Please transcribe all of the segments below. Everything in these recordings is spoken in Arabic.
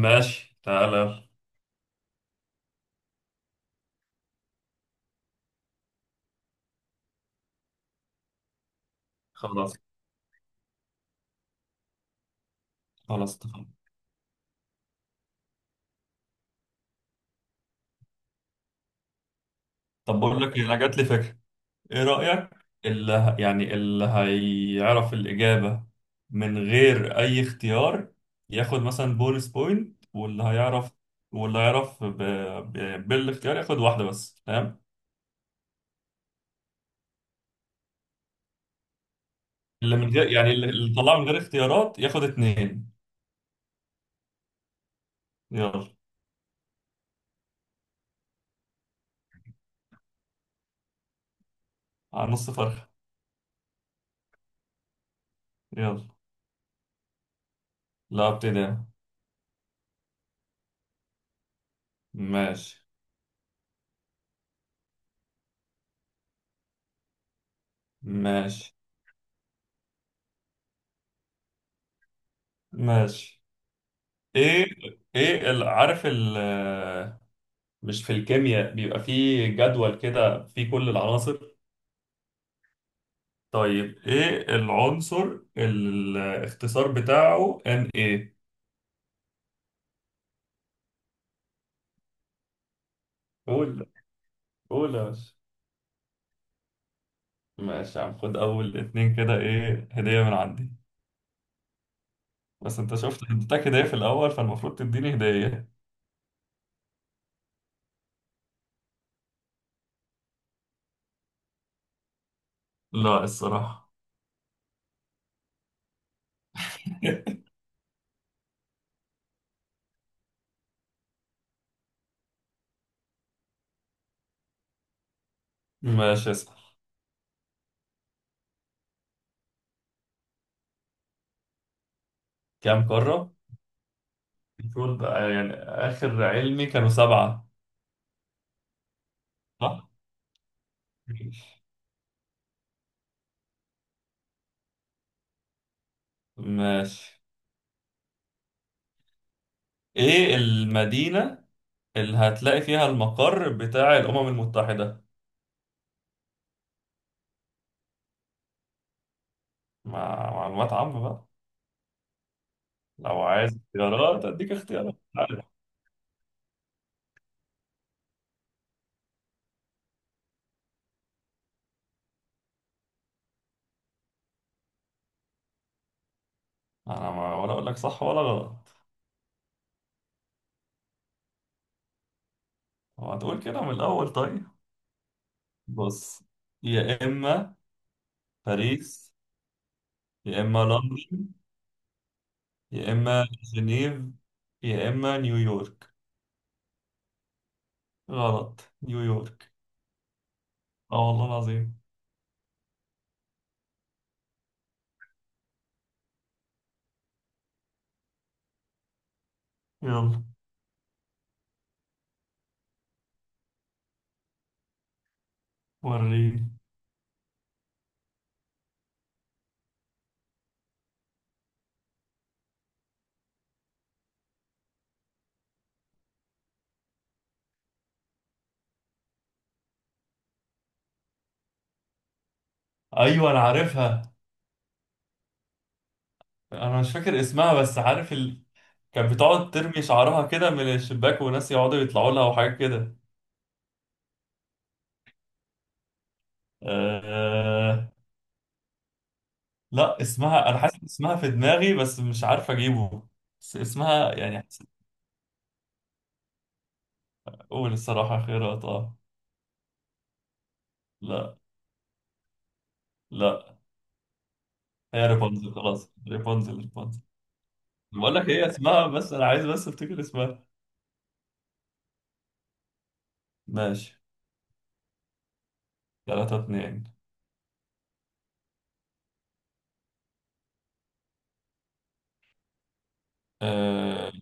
ماشي، تعالى. خلاص. خلاص اتفقنا. طب بقول لك إيه، انا جات لي فكره. ايه رايك؟ اللي ه- يعني اللي هيعرف الاجابه من غير اي اختيار ياخد مثلا بونس بوينت. واللي هيعرف بالاختيار ياخد واحده بس. تمام؟ اللي من غير يعني اللي طلعه من غير اختيارات ياخد اتنين. يلا، على نص فرخه. يلا، لا ابتدي أنا. ماشي. ماشي. ماشي. ايه، عارف مش في الكيمياء بيبقى فيه جدول كده فيه كل العناصر؟ طيب، ايه العنصر الاختصار بتاعه ان ايه؟ قول. قول يا باشا. ماشي يا عم، خد اول اتنين كده، ايه، هدية من عندي. بس انت شفت، اديتك هدية في الاول فالمفروض تديني هدية. لا، الصراحة. ماشي، اسأل. كام قارة؟ المفروض يعني اخر علمي كانوا سبعة. صح. ماشي، ايه المدينة اللي هتلاقي فيها المقر بتاع الأمم المتحدة؟ مع معلومات عامة بقى. لو عايز اختيارات أديك اختيارات، عارف. أنا ما ولا أقول لك صح ولا غلط. هو هتقول كده من الأول؟ طيب. بص. يا إما باريس، يا إما لندن، يا إما جنيف، يا إما نيويورك. غلط، نيويورك. آه والله العظيم. يلا. وريني. أيوة، أنا عارفها. انا مش فاكر اسمها بس عارف. كان بتقعد ترمي شعرها كده من الشباك، وناس يقعدوا يطلعوا لها وحاجات كده. أه... لا، اسمها، انا حاسس اسمها في دماغي بس مش عارف اجيبه. بس اسمها يعني حاسس. اقول الصراحة خيرات، اه. لا. لا. هي ريبونزل. خلاص ريبونزل ريبونزل. بقول لك هي اسمها، بس انا عايز بس افتكر اسمها. ماشي. 3-2. أه...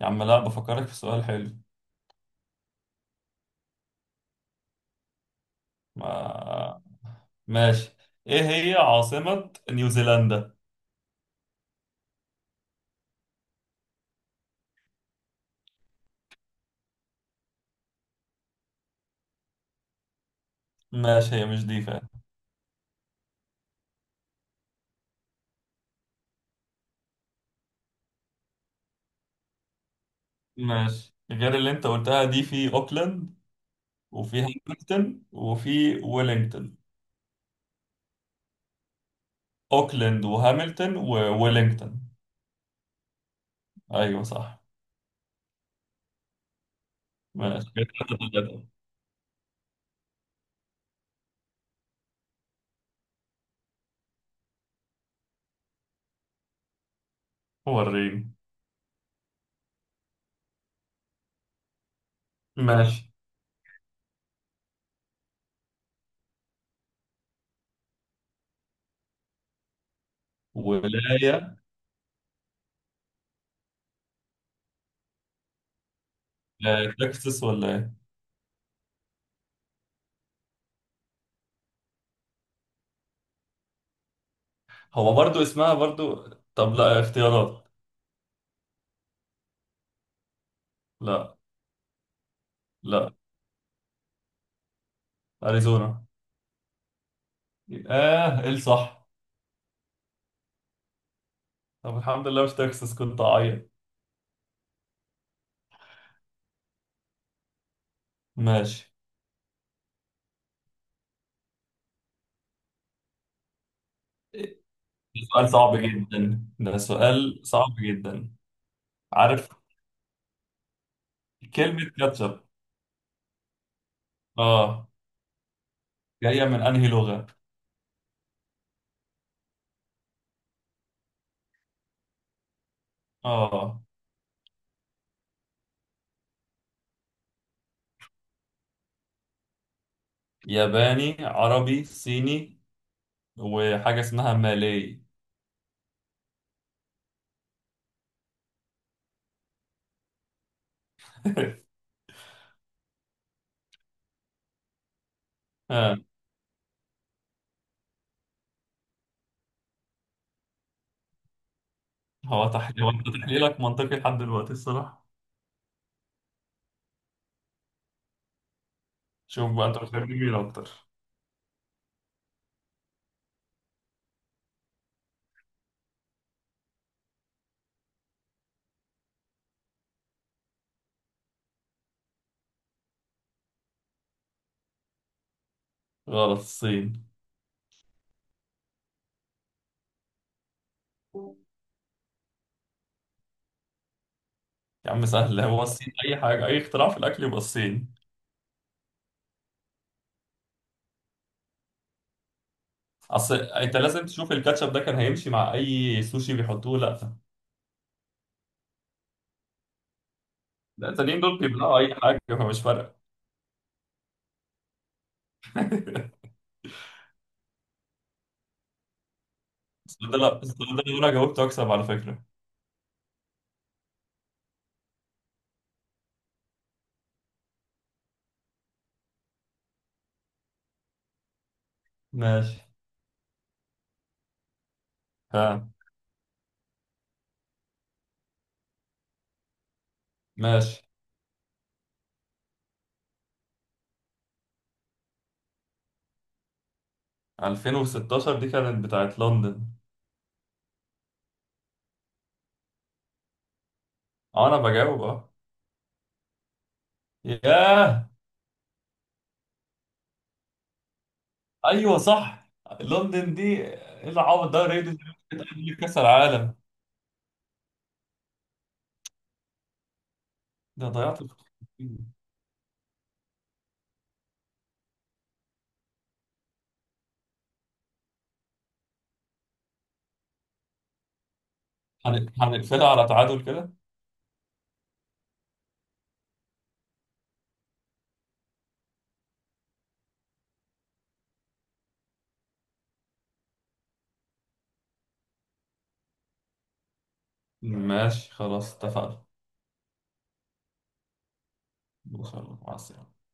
يا عم، لا، بفكرك في سؤال حلو. ما... ماشي. ايه هي عاصمة نيوزيلندا؟ ماشي، هي مش دي فعلا. ماشي، غير اللي انت قلتها دي في اوكلاند، وفي هاملتون، وفي ويلينغتون. اوكلاند وهاملتون وويلينغتون. ايوه صح. ماشي كده، 3-3. وريني. ماشي. ولاية تكساس ولا ايه؟ هو برضو اسمها برضو. طب لا، اختيارات. لا. لا، اريزونا. اه، ايه الصح؟ طب الحمد لله مش تكساس، كنت اعيط. ماشي. ده سؤال صعب جدا، ده سؤال صعب جدا. عارف. كلمة كاتشب. اه. جاية من انهي لغة؟ اه. ياباني، عربي، صيني، وحاجة اسمها مالي. ها. هو انت تحليلك منطقي لحد دلوقتي، الصراحة. شوف بقى، انت بتحب مين اكتر؟ غلط، الصين. يا عم سهل، هو الصين اي حاجة، اي اختراع في الاكل يبقى الصين. اصل انت لازم تشوف الكاتشب ده كان هيمشي مع اي سوشي بيحطوه؟ لا. لا، التانيين دول بيبلعوا اي حاجة فمش فارقة. بس ده، لا، بس ده لو انا جاوبته اكسب على فكرة. ماشي. فعلا. ماشي. 2016 دي كانت بتاعت لندن. اه، انا بجاوب اه. ياه. ايوه صح. لندن دي، ايه العبط ده؟ ريال مدريد بتأهل لكأس العالم. ده ضيعت الفرصة. هنقفلها على تعادل كده. ماشي، خلاص اتفقنا. ان شاء الله، مع السلامة.